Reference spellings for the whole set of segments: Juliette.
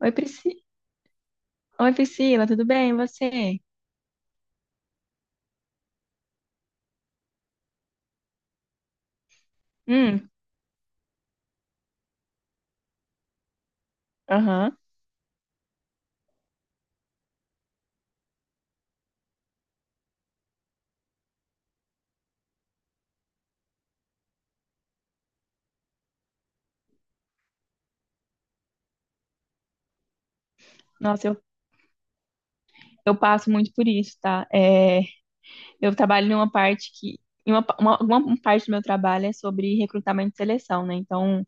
Oi, Oi, Priscila, tudo bem? E você? Hum, aham. Nossa, eu, eu passo muito por isso, tá? Eu trabalho numa parte que. Em uma parte do meu trabalho é sobre recrutamento e seleção, né? Então,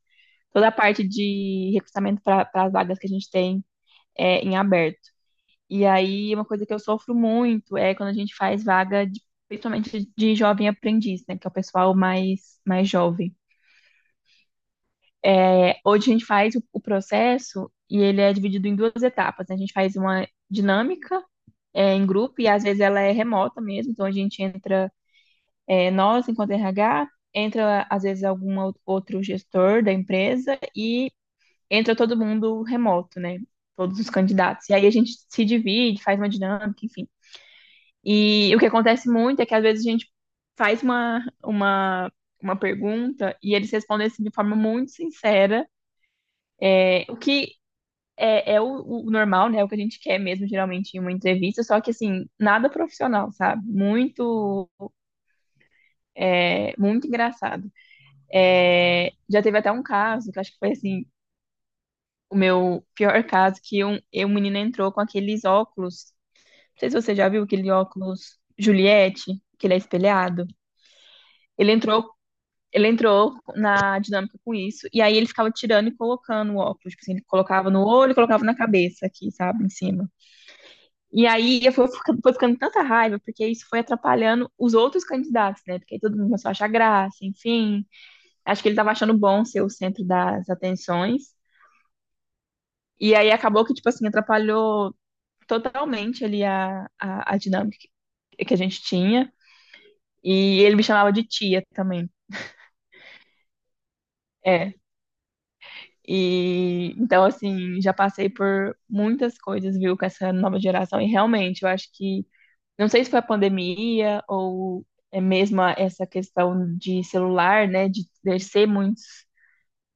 toda a parte de recrutamento para as vagas que a gente tem é em aberto. E aí, uma coisa que eu sofro muito é quando a gente faz vaga, principalmente de jovem aprendiz, né? Que é o pessoal mais jovem. Hoje a gente faz o processo e ele é dividido em duas etapas, né? A gente faz uma dinâmica em grupo e às vezes ela é remota mesmo, então a gente entra, nós enquanto RH, entra às vezes algum outro gestor da empresa e entra todo mundo remoto, né? Todos os candidatos. E aí a gente se divide, faz uma dinâmica, enfim. E o que acontece muito é que às vezes a gente faz uma pergunta e eles respondem assim de forma muito sincera. É, O que é, é o, O normal, né? O que a gente quer mesmo, geralmente, em uma entrevista, só que assim, nada profissional, sabe? Muito engraçado. É, já teve até um caso, que eu acho que foi assim, o meu pior caso, que um menino entrou com aqueles óculos. Não sei se você já viu aquele óculos Juliette, que ele é espelhado. Ele entrou. Ele entrou na dinâmica com isso, e aí ele ficava tirando e colocando o óculos. Tipo assim, ele colocava no olho, e colocava na cabeça aqui, sabe, em cima. E aí foi ficando tanta raiva, porque isso foi atrapalhando os outros candidatos, né? Porque aí todo mundo começou a achar graça, enfim. Acho que ele tava achando bom ser o centro das atenções. E aí acabou que, tipo assim, atrapalhou totalmente ali a dinâmica que a gente tinha. E ele me chamava de tia também. É. E então, assim, já passei por muitas coisas, viu, com essa nova geração. E realmente, eu acho que não sei se foi a pandemia ou é mesmo essa questão de celular, né? De crescer muitos,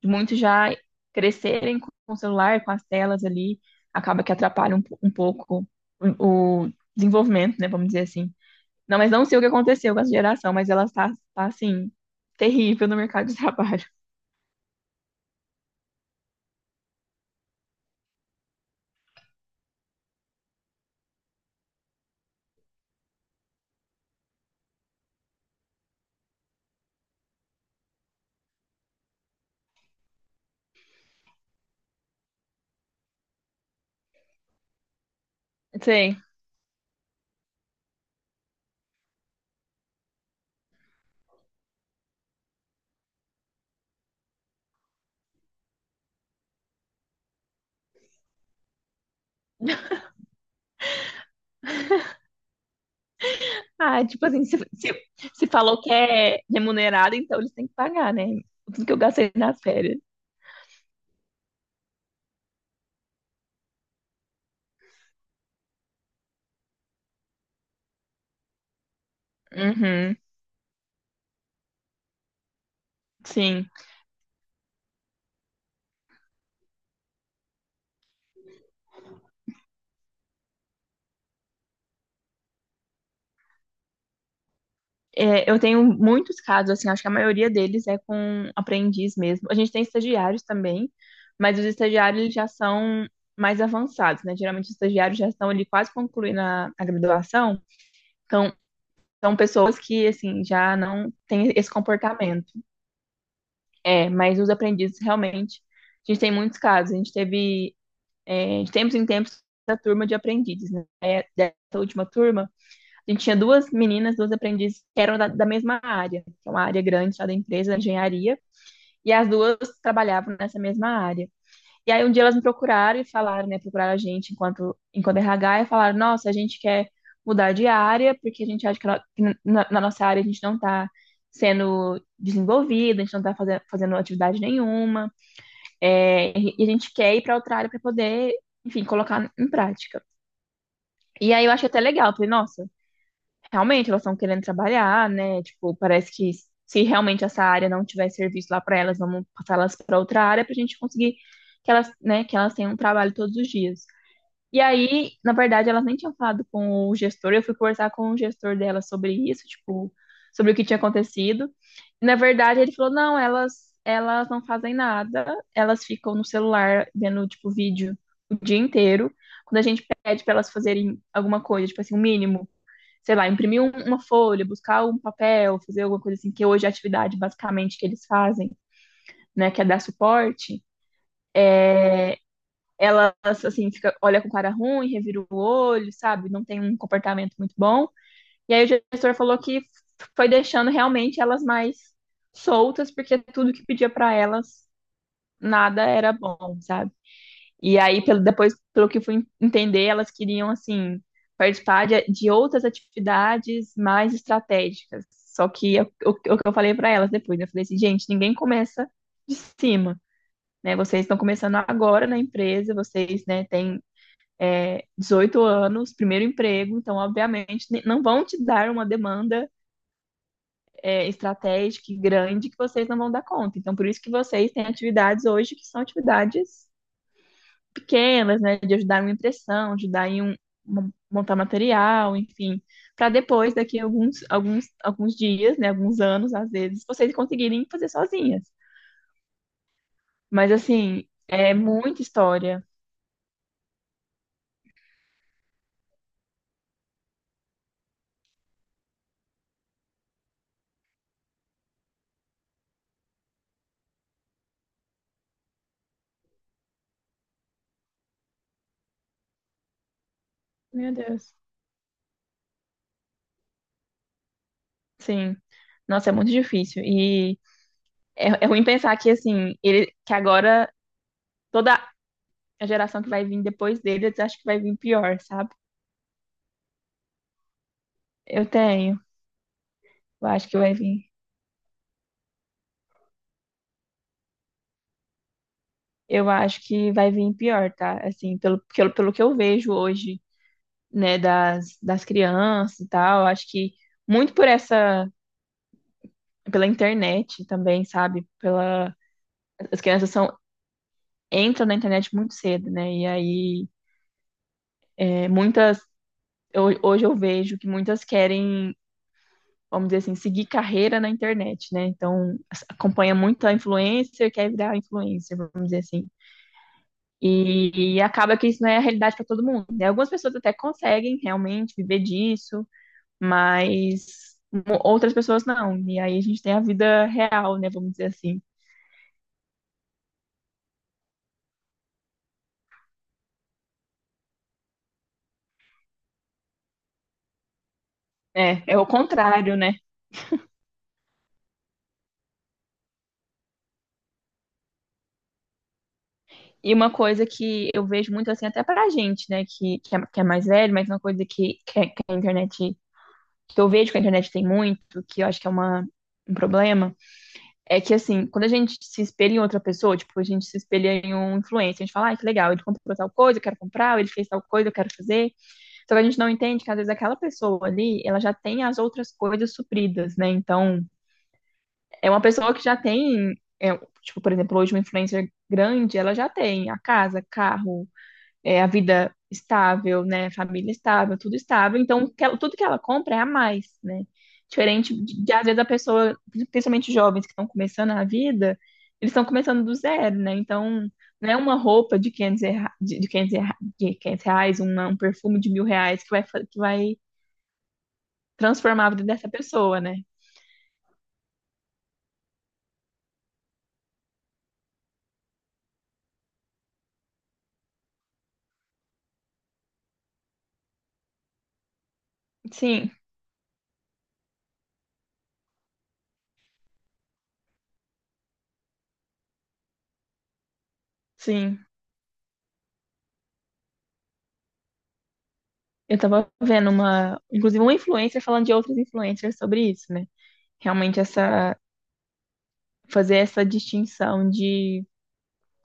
de muitos já crescerem com o celular, com as telas ali, acaba que atrapalha um pouco o desenvolvimento, né? Vamos dizer assim. Não, mas não sei o que aconteceu com essa geração, mas ela está assim, terrível no mercado de trabalho. Sei. Ah, tipo assim, se falou que é remunerado, então eles têm que pagar, né? Tudo que eu gastei nas férias. Uhum. Sim. É, eu tenho muitos casos, assim, acho que a maioria deles é com aprendiz mesmo. A gente tem estagiários também, mas os estagiários eles já são mais avançados, né? Geralmente os estagiários já estão ali quase concluindo a graduação, então são pessoas que, assim, já não têm esse comportamento. É, mas os aprendizes realmente, a gente tem muitos casos. A gente teve de tempos em tempos, a turma de aprendizes, né? É, dessa última turma, a gente tinha duas meninas, duas aprendizes que eram da mesma área, que é uma área grande lá da empresa, da engenharia, e as duas trabalhavam nessa mesma área. E aí um dia elas me procuraram e falaram, né, procuraram a gente enquanto RH e falaram, nossa, a gente quer mudar de área, porque a gente acha que na nossa área a gente não está sendo desenvolvida, a gente não está fazendo atividade nenhuma, é, e a gente quer ir para outra área para poder, enfim, colocar em prática. E aí eu achei até legal, falei, nossa, realmente elas estão querendo trabalhar, né? Tipo, parece que se realmente essa área não tiver serviço lá para elas, vamos passar elas para outra área para a gente conseguir que elas, né, que elas tenham um trabalho todos os dias. E aí, na verdade, elas nem tinham falado com o gestor, eu fui conversar com o gestor delas sobre isso, tipo, sobre o que tinha acontecido. E, na verdade, ele falou: "Não, elas não fazem nada, elas ficam no celular vendo tipo vídeo o dia inteiro. Quando a gente pede para elas fazerem alguma coisa, tipo assim, o mínimo sei lá, imprimir uma folha, buscar um papel, fazer alguma coisa assim, que hoje é a atividade basicamente que eles fazem, né, que é dar suporte, ela, assim, fica, olha com cara ruim, revira o olho, sabe? Não tem um comportamento muito bom. E aí o gestor falou que foi deixando realmente elas mais soltas, porque tudo que pedia para elas, nada era bom, sabe? E aí, depois, pelo que eu fui entender, elas queriam, assim, participar de outras atividades mais estratégicas. Só que o que eu falei para elas depois, né? Eu falei assim, gente, ninguém começa de cima, né? Vocês estão começando agora na empresa, vocês, né, têm 18 anos, primeiro emprego, então, obviamente, não vão te dar uma demanda estratégica e grande que vocês não vão dar conta. Então, por isso que vocês têm atividades hoje que são atividades pequenas, né, de ajudar em uma impressão, de ajudar em montar material, enfim, para depois, daqui a alguns dias, né, alguns anos, às vezes, vocês conseguirem fazer sozinhas. Mas, assim, é muita história. Meu Deus. Sim. Nossa, é muito difícil. E é ruim pensar que, assim, ele, que agora toda a geração que vai vir depois deles, acho que vai vir pior, sabe? Eu tenho. Eu acho que vai vir. Eu acho que vai vir pior, tá? Assim, pelo que eu vejo hoje, né, das crianças e tal. Acho que muito por essa, pela internet também, sabe? As crianças são, entram na internet muito cedo, né? E aí, é, muitas, hoje eu vejo que muitas querem, vamos dizer assim, seguir carreira na internet, né? Então, acompanha muito a influencer, quer virar influencer, vamos dizer assim. E acaba que isso não é a realidade para todo mundo, né? Algumas pessoas até conseguem realmente viver disso, mas outras pessoas não. E aí a gente tem a vida real, né? Vamos dizer assim. É, é o contrário, né? E uma coisa que eu vejo muito assim, até pra gente, né, que é mais velho, mas uma coisa que eu vejo que a internet tem muito, que eu acho que é uma, um problema, é que assim, quando a gente se espelha em outra pessoa, tipo, a gente se espelha em um influencer, a gente fala, ai, que legal, ele comprou tal coisa, eu quero comprar, ou ele fez tal coisa, eu quero fazer. Só que a gente não entende que às vezes aquela pessoa ali, ela já tem as outras coisas supridas, né? Então, é uma pessoa que já tem, é, tipo, por exemplo, hoje uma influencer grande, ela já tem a casa, carro, é, a vida estável, né? Família estável, tudo estável. Então, tudo que ela compra é a mais, né? Diferente às vezes, a pessoa, principalmente jovens que estão começando a vida, eles estão começando do zero, né? Então, não é uma roupa de 500, de 500 reais, um perfume de 1000 reais que que vai transformar a vida dessa pessoa, né? Sim, sim. Eu tava vendo uma, inclusive uma influencer falando de outras influencers sobre isso, né? Realmente essa, fazer essa distinção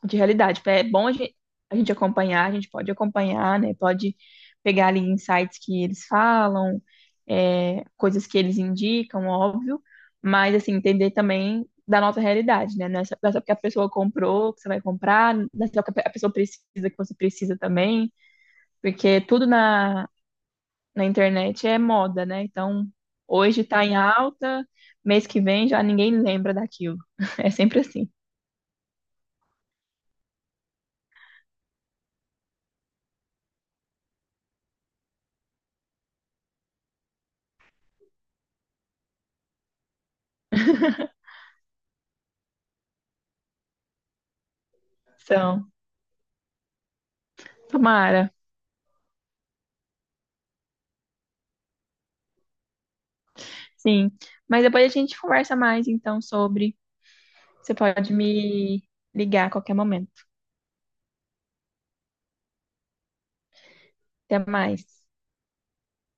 de realidade. É bom a gente acompanhar, a gente pode acompanhar, né? Pode pegar ali insights que eles falam, é, coisas que eles indicam, óbvio, mas assim, entender também da nossa realidade, né? Não é só porque a pessoa comprou que você vai comprar, não é só porque a pessoa precisa que você precisa também. Porque tudo na internet é moda, né? Então, hoje tá em alta, mês que vem já ninguém lembra daquilo. É sempre assim. Então, tomara. Sim. Mas depois a gente conversa mais, então, sobre. Você pode me ligar a qualquer momento. Até mais.